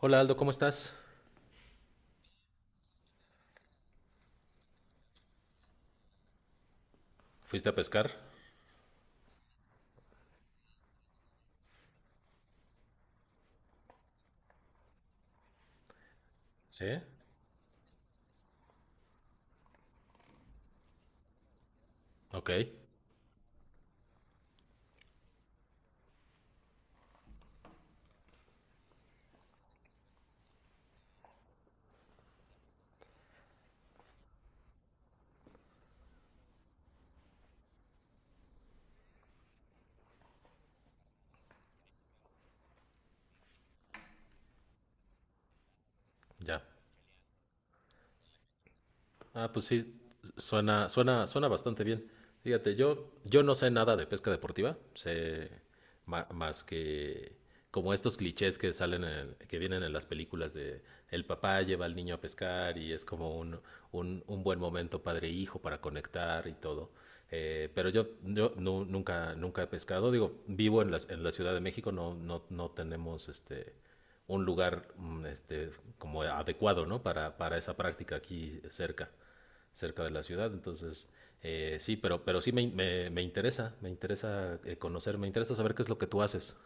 Hola Aldo, ¿cómo estás? ¿Fuiste a pescar? ¿Sí? Ok, ya. Ah, pues sí, suena bastante bien. Fíjate, yo no sé nada de pesca deportiva, sé más que como estos clichés que salen que vienen en las películas de el papá lleva al niño a pescar y es como un buen momento padre e hijo para conectar y todo. Pero yo nunca he pescado. Digo, vivo en la Ciudad de México, no tenemos un lugar como adecuado, ¿no? Para esa práctica aquí cerca de la ciudad, entonces sí, pero sí me interesa conocer, me interesa saber qué es lo que tú haces.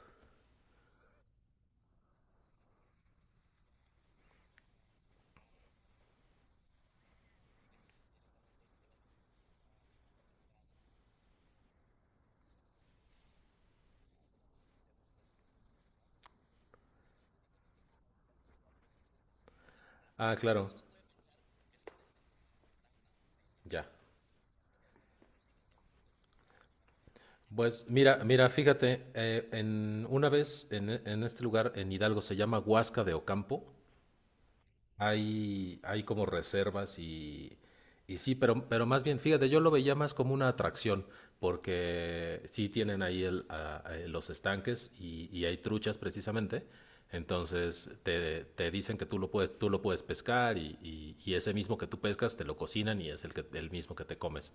Ah, claro, ya. Pues fíjate, una vez en este lugar, en Hidalgo, se llama Huasca de Ocampo. Hay como reservas y sí, pero más bien, fíjate, yo lo veía más como una atracción, porque sí tienen ahí los estanques y hay truchas precisamente, entonces te dicen que tú lo puedes pescar y, y ese mismo que tú pescas te lo cocinan y es el mismo que te comes.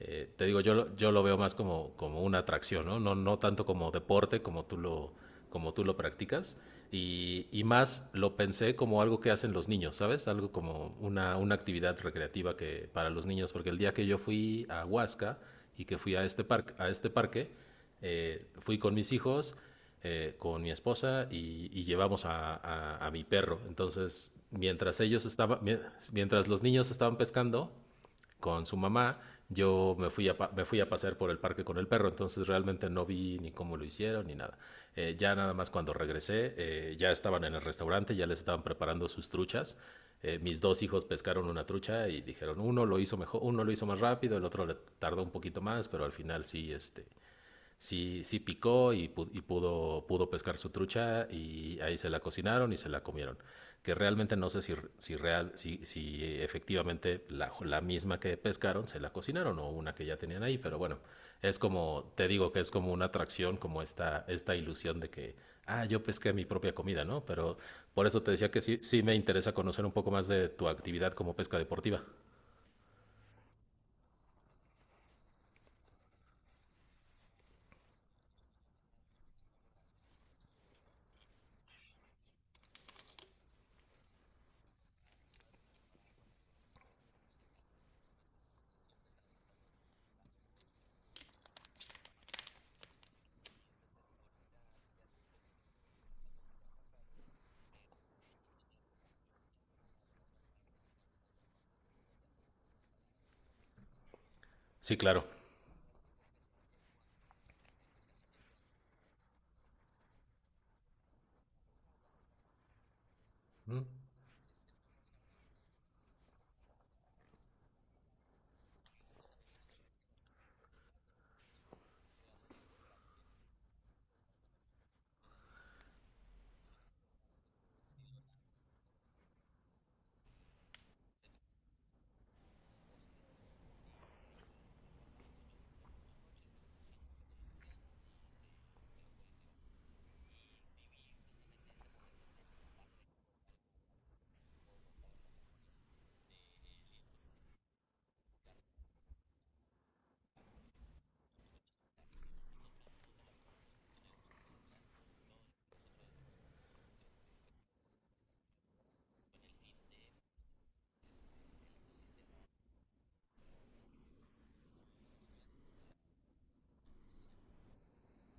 Te digo, yo lo veo más como, como una atracción, ¿no? No tanto como deporte como como tú lo practicas. Y más lo pensé como algo que hacen los niños, ¿sabes? Algo como una actividad recreativa que, para los niños, porque el día que yo fui a Huasca y que fui a este parque fui con mis hijos, con mi esposa y llevamos a mi perro. Entonces, mientras ellos estaban, mientras los niños estaban pescando con su mamá. Yo me fui, a Me fui a pasear por el parque con el perro, entonces realmente no vi ni cómo lo hicieron ni nada. Ya nada más cuando regresé, ya estaban en el restaurante, ya les estaban preparando sus truchas. Mis dos hijos pescaron una trucha y dijeron, uno lo hizo mejor, uno lo hizo más rápido, el otro le tardó un poquito más, pero al final sí, sí, sí picó y, pudo pescar su trucha y ahí se la cocinaron y se la comieron. Que realmente no sé si, si efectivamente la misma que pescaron se la cocinaron o una que ya tenían ahí, pero bueno, es como, te digo que es como una atracción, como esta ilusión de que, ah, yo pesqué mi propia comida, ¿no? Pero por eso te decía que sí, sí me interesa conocer un poco más de tu actividad como pesca deportiva. Sí, claro.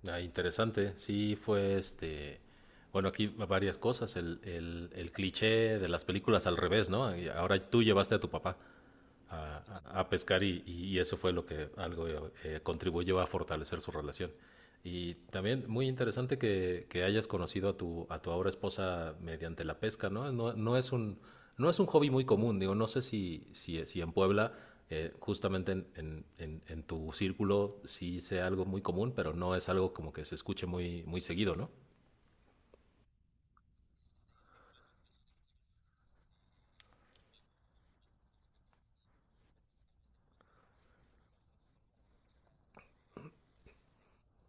Ah, interesante, sí fue bueno, aquí va varias cosas, el cliché de las películas al revés, ¿no? Y ahora tú llevaste a tu papá a pescar y eso fue lo que algo contribuyó a fortalecer su relación. Y también muy interesante que hayas conocido a tu ahora esposa mediante la pesca, ¿no? No es un hobby muy común, digo, no sé si en Puebla, justamente tu círculo, sí sea algo muy común, pero no es algo como que se escuche muy seguido, ¿no?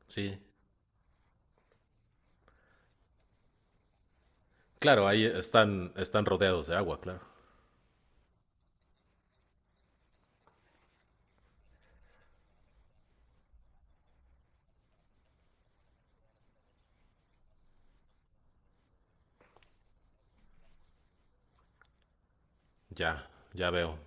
Sí, claro, ahí están, están rodeados de agua, claro. Ya, ya veo.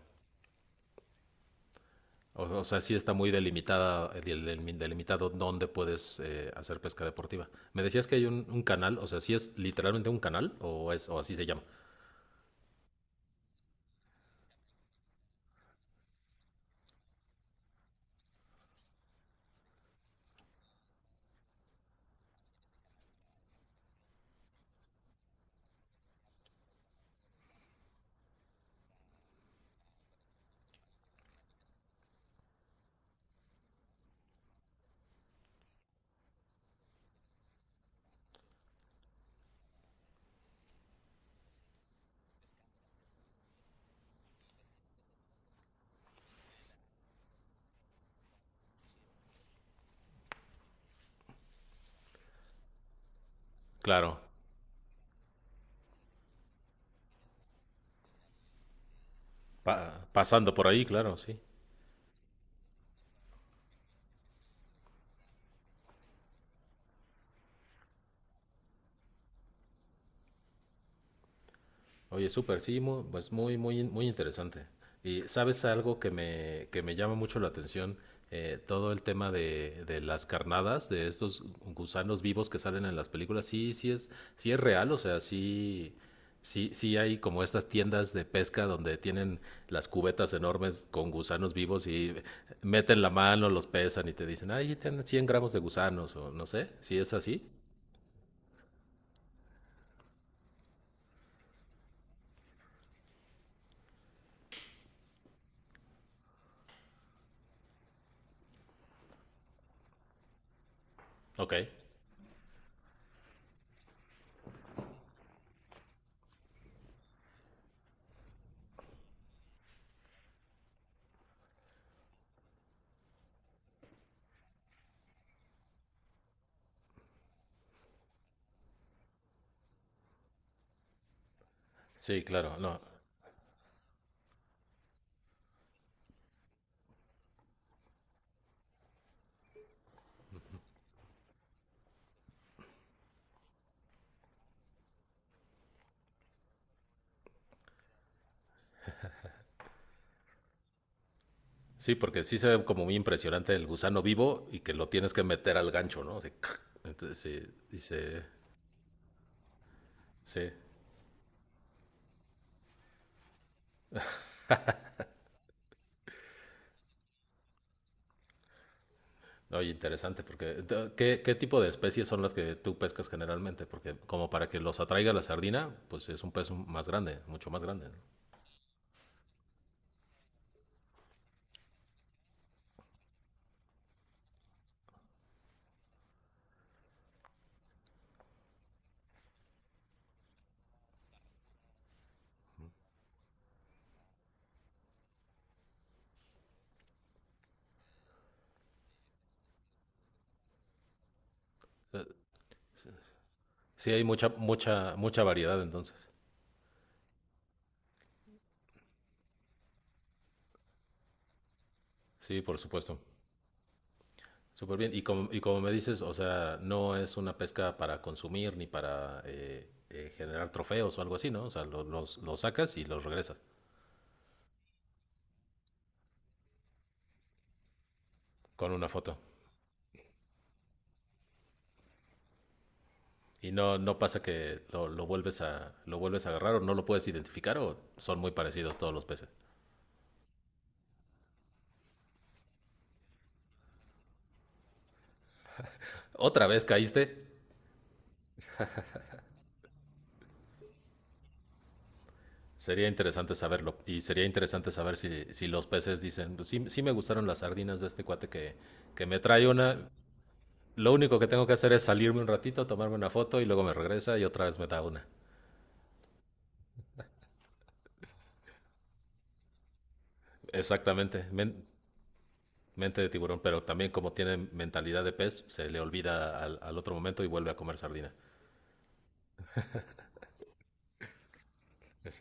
O sea, sí está muy delimitada, delimitado dónde puedes hacer pesca deportiva. Me decías que hay un canal, o sea, ¿sí es literalmente un canal o es o así se llama? Claro, pasando por ahí, claro, sí. Oye, súper, sí, pues muy interesante. Y sabes algo que que me llama mucho la atención. Todo el tema de las carnadas, de estos gusanos vivos que salen en las películas, sí, sí es real, o sea, sí, sí hay como estas tiendas de pesca donde tienen las cubetas enormes con gusanos vivos y meten la mano, los pesan y te dicen, ay, tienen 100 gramos de gusanos o no sé, si es así. Ok, sí, claro, no. Sí, porque sí se ve como muy impresionante el gusano vivo y que lo tienes que meter al gancho, ¿no? Así, ¡cac! Entonces, sí, dice, sí. Oye, interesante, porque ¿qué, ¿qué tipo de especies son las que tú pescas generalmente? Porque como para que los atraiga la sardina, pues es un pez más grande, mucho más grande, ¿no? O sea, sí, hay mucha variedad entonces. Sí, por supuesto. Súper bien. Y como me dices, o sea, no es una pesca para consumir ni para generar trofeos o algo así, ¿no? O sea, los sacas y los regresas con una foto. Y no, no pasa que lo vuelves lo vuelves a agarrar o no lo puedes identificar o son muy parecidos todos los peces. Otra vez caíste, sería interesante saberlo. Y sería interesante saber si, si los peces dicen, "Pues sí, sí me gustaron las sardinas de este cuate que me trae una. Lo único que tengo que hacer es salirme un ratito, tomarme una foto y luego me regresa y otra vez me da una". Exactamente, mente de tiburón, pero también como tiene mentalidad de pez, se le olvida al, al otro momento y vuelve a comer sardina. Es...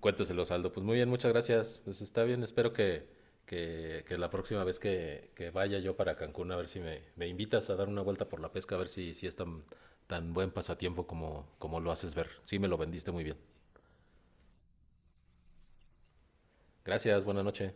Cuénteselo, Saldo. Pues muy bien, muchas gracias. Pues está bien, espero que, que la próxima vez que vaya yo para Cancún, a ver si me invitas a dar una vuelta por la pesca, a ver si, si es tan buen pasatiempo como, como lo haces ver. Sí, me lo vendiste muy bien. Gracias, buena noche.